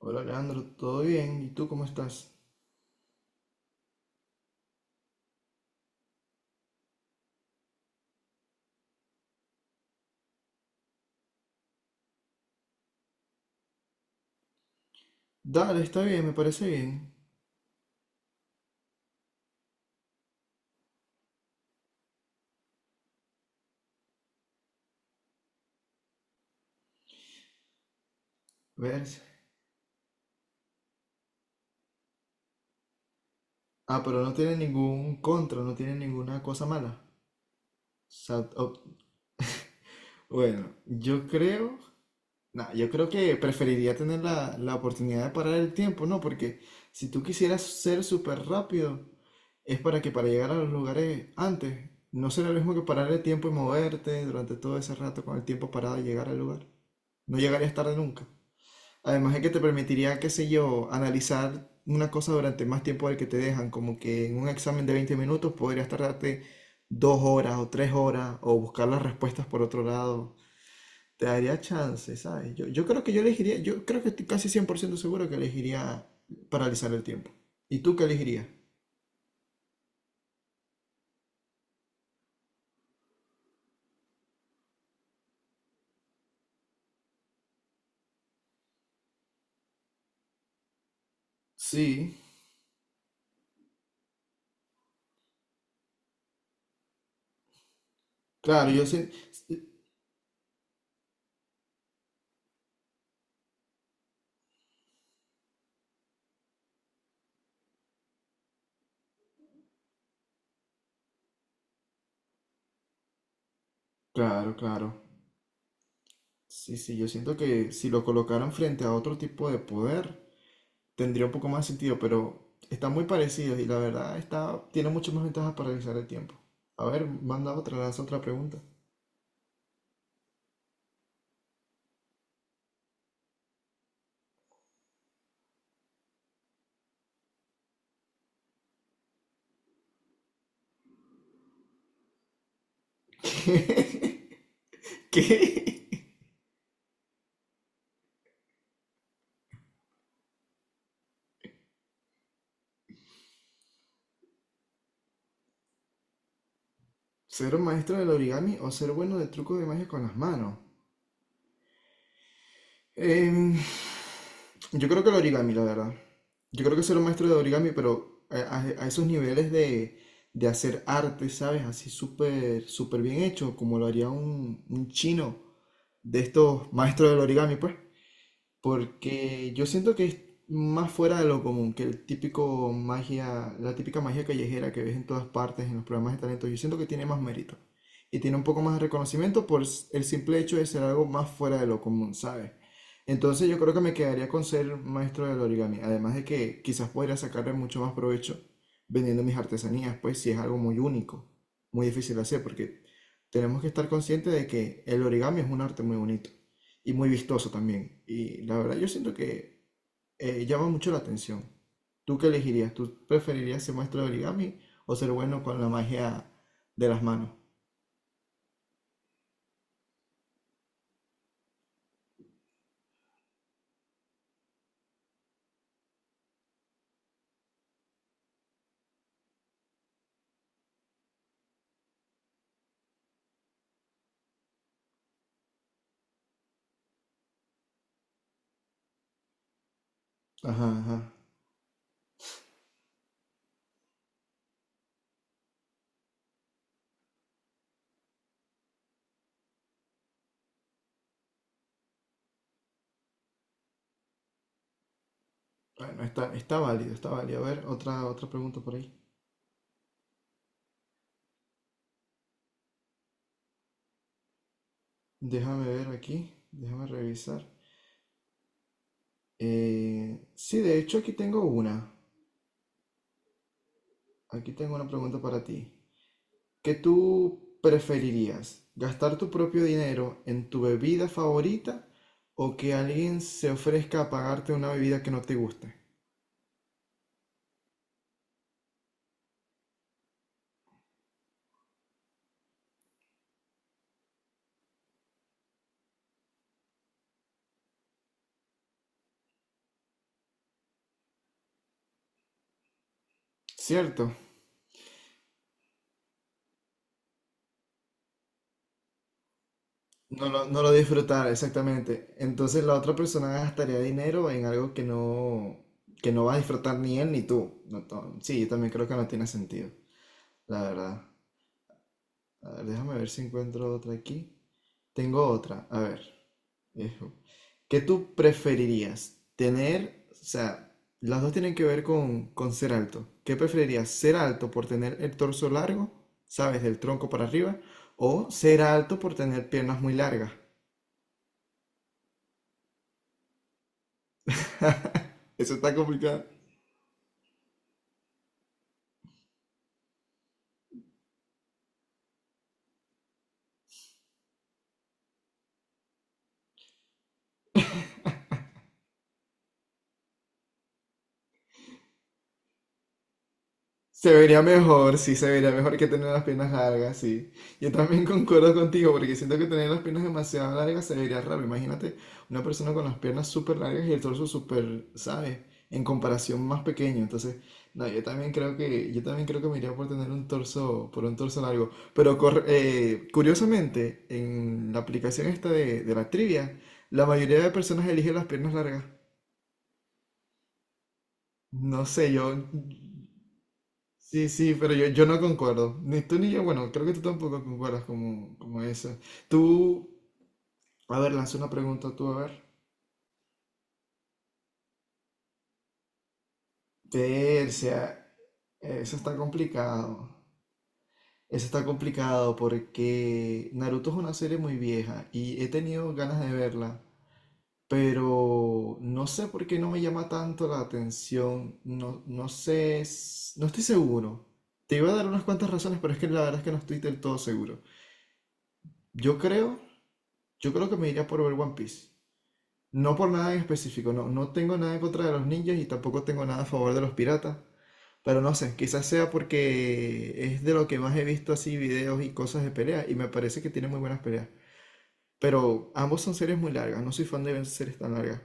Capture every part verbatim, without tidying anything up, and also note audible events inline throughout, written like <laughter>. Hola Leandro, ¿todo bien? ¿Y tú cómo estás? Dale, está bien, me parece bien. Verse. Ah, pero no tiene ningún contra, no tiene ninguna cosa mala. O o- bueno, yo creo, nah, yo creo que preferiría tener la, la oportunidad de parar el tiempo, ¿no? Porque si tú quisieras ser súper rápido, es para que para llegar a los lugares antes, no será lo mismo que parar el tiempo y moverte durante todo ese rato con el tiempo parado y llegar al lugar. No llegarías tarde nunca. Además de que te permitiría, qué sé yo, analizar una cosa durante más tiempo del que te dejan, como que en un examen de veinte minutos podrías tardarte dos horas o tres horas o buscar las respuestas por otro lado. Te daría chance, ¿sabes? Yo, yo creo que yo elegiría, yo creo que estoy casi cien por ciento seguro que elegiría paralizar el tiempo. ¿Y tú qué elegirías? Sí, claro, yo siento, claro, claro. Sí, sí, yo siento que si lo colocaran frente a otro tipo de poder, tendría un poco más sentido, pero están muy parecidos y la verdad está, tiene muchas más ventajas para realizar el tiempo. A ver, manda otra, lanza otra pregunta. <laughs> ¿Qué? ¿Qué? ¿Ser un maestro del origami o ser bueno de trucos de magia con las manos? Em, yo creo que el origami, la verdad. Yo creo que ser un maestro de origami, pero a, a- a esos niveles de, de hacer arte, ¿sabes? Así súper, súper bien hecho, como lo haría un, un chino de estos maestros del origami, pues. Porque yo siento que es más fuera de lo común que el típico magia, la típica magia callejera que ves en todas partes en los programas de talento. Yo siento que tiene más mérito y tiene un poco más de reconocimiento por s- el simple hecho de ser algo más fuera de lo común, ¿sabes? Entonces yo creo que me quedaría con ser maestro del origami, además de que quizás podría sacarle mucho más provecho vendiendo mis artesanías, pues si es algo muy único, muy difícil de hacer, porque tenemos que estar conscientes de que el origami es un arte muy bonito y muy vistoso también. Y la verdad, yo siento que eh, llama mucho la atención. ¿Tú qué elegirías? ¿Tú preferirías ser maestro de origami o ser bueno con la magia de las manos? Ajá, ajá. Bueno, está, está válido, está válido. A ver, otra, otra pregunta por ahí. Déjame ver aquí, déjame revisar. Eh, sí, de hecho aquí tengo una. Aquí tengo una pregunta para ti. ¿Qué tú preferirías? ¿Gastar tu propio dinero en tu bebida favorita o que alguien se ofrezca a pagarte una bebida que no te guste? ¿Cierto? No lo, no lo disfrutar, exactamente. Entonces la otra persona gastaría dinero en algo que no, que no va a disfrutar ni él ni tú. No, no, sí, yo también creo que no tiene sentido, la verdad. A ver, déjame ver si encuentro otra aquí. Tengo otra, a ver. eh, ¿Qué tú preferirías? Tener, o sea, las dos tienen que ver con, con ser alto. ¿Qué preferirías? ¿Ser alto por tener el torso largo, sabes, del tronco para arriba? ¿O ser alto por tener piernas muy largas? <laughs> Eso está complicado. Se vería mejor, sí, se vería mejor que tener las piernas largas, sí. Yo también <laughs> concuerdo contigo porque siento que tener las piernas demasiado largas se vería raro. Imagínate una persona con las piernas súper largas y el torso súper, ¿sabes? En comparación más pequeño. Entonces, no, yo también creo que, yo también creo que me iría por tener un torso, por un torso largo. Pero cor- eh, curiosamente, en la aplicación esta de, de la trivia, la mayoría de personas elige las piernas largas. No sé, yo. Sí, sí, pero yo, yo no concuerdo. Ni tú ni yo, bueno, creo que tú tampoco concuerdas como, como eso. Tú, a ver, lanza una pregunta tú, a ver. Persia, eso está complicado. Eso está complicado porque Naruto es una serie muy vieja y he tenido ganas de verla, pero no sé por qué no me llama tanto la atención. No, no sé, s- no estoy seguro. Te iba a dar unas cuantas razones, pero es que la verdad es que no estoy del todo seguro. Yo creo Yo creo que me iría por ver One Piece. No por nada en específico, no, no tengo nada en contra de los ninjas y tampoco tengo nada a favor de los piratas. Pero no sé, quizás sea porque es de lo que más he visto así videos y cosas de pelea y me parece que tiene muy buenas peleas. Pero ambos son series muy largas, no soy fan de ver series tan largas.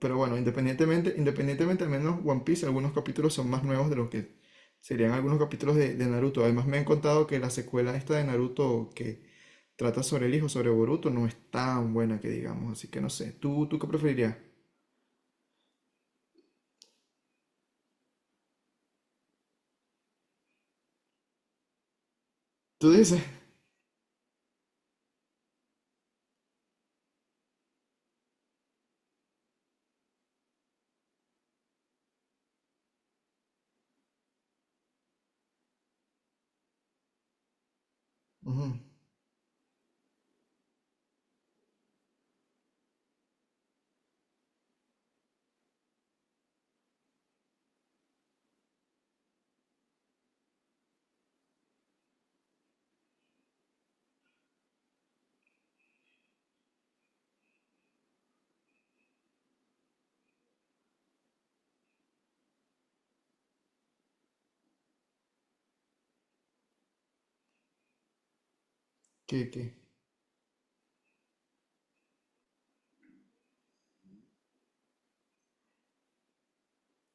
Pero bueno, independientemente, independientemente al menos One Piece, algunos capítulos son más nuevos de lo que serían algunos capítulos de, de Naruto. Además me han contado que la secuela esta de Naruto, que trata sobre el hijo, sobre Boruto, no es tan buena que digamos, así que no sé. ¿Tú, tú qué preferirías? ¿Tú dices? Ujú. ¿Qué, qué?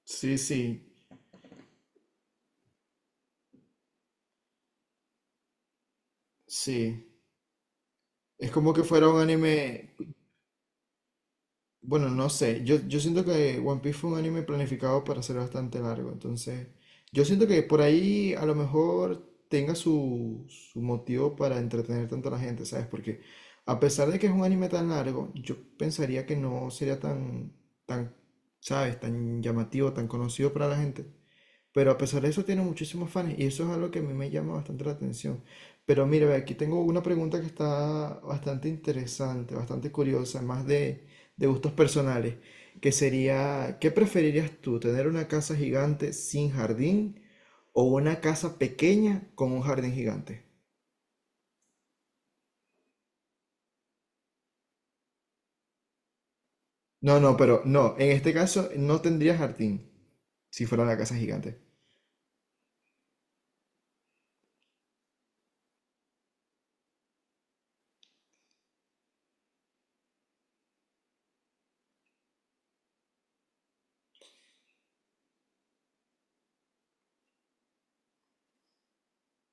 Sí, sí, sí. Es como que fuera un anime. Bueno, no sé. Yo, yo siento que One Piece fue un anime planificado para ser bastante largo. Entonces, yo siento que por ahí a lo mejor tenga su, su motivo para entretener tanto a la gente, ¿sabes? Porque a pesar de que es un anime tan largo, yo pensaría que no sería tan, tan, ¿sabes? Tan llamativo, tan conocido para la gente. Pero a pesar de eso tiene muchísimos fans y eso es algo que a mí me llama bastante la atención. Pero mira, ve, aquí tengo una pregunta que está bastante interesante, bastante curiosa, más de, de gustos personales, que sería, ¿qué preferirías tú, tener una casa gigante sin jardín o una casa pequeña con un jardín gigante? No, no, pero no, en este caso no tendría jardín si fuera una casa gigante.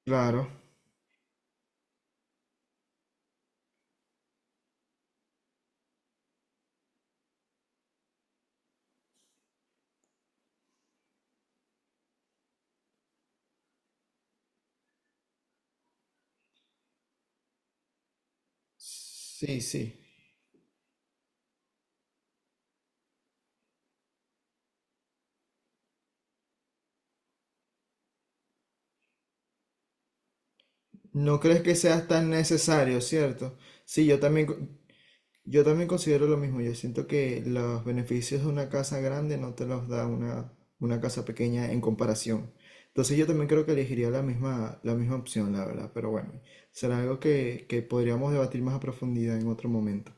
Claro, sí, sí. No crees que sea tan necesario, ¿cierto? Sí, yo también. Yo también considero lo mismo. Yo siento que los beneficios de una casa grande no te los da una, una casa pequeña en comparación. Entonces yo también creo que elegiría la misma, la misma opción, la verdad. Pero bueno, será algo que, que podríamos debatir más a profundidad en otro momento.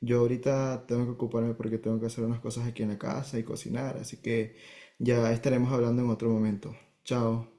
Yo ahorita tengo que ocuparme porque tengo que hacer unas cosas aquí en la casa y cocinar. Así que ya estaremos hablando en otro momento. Chao.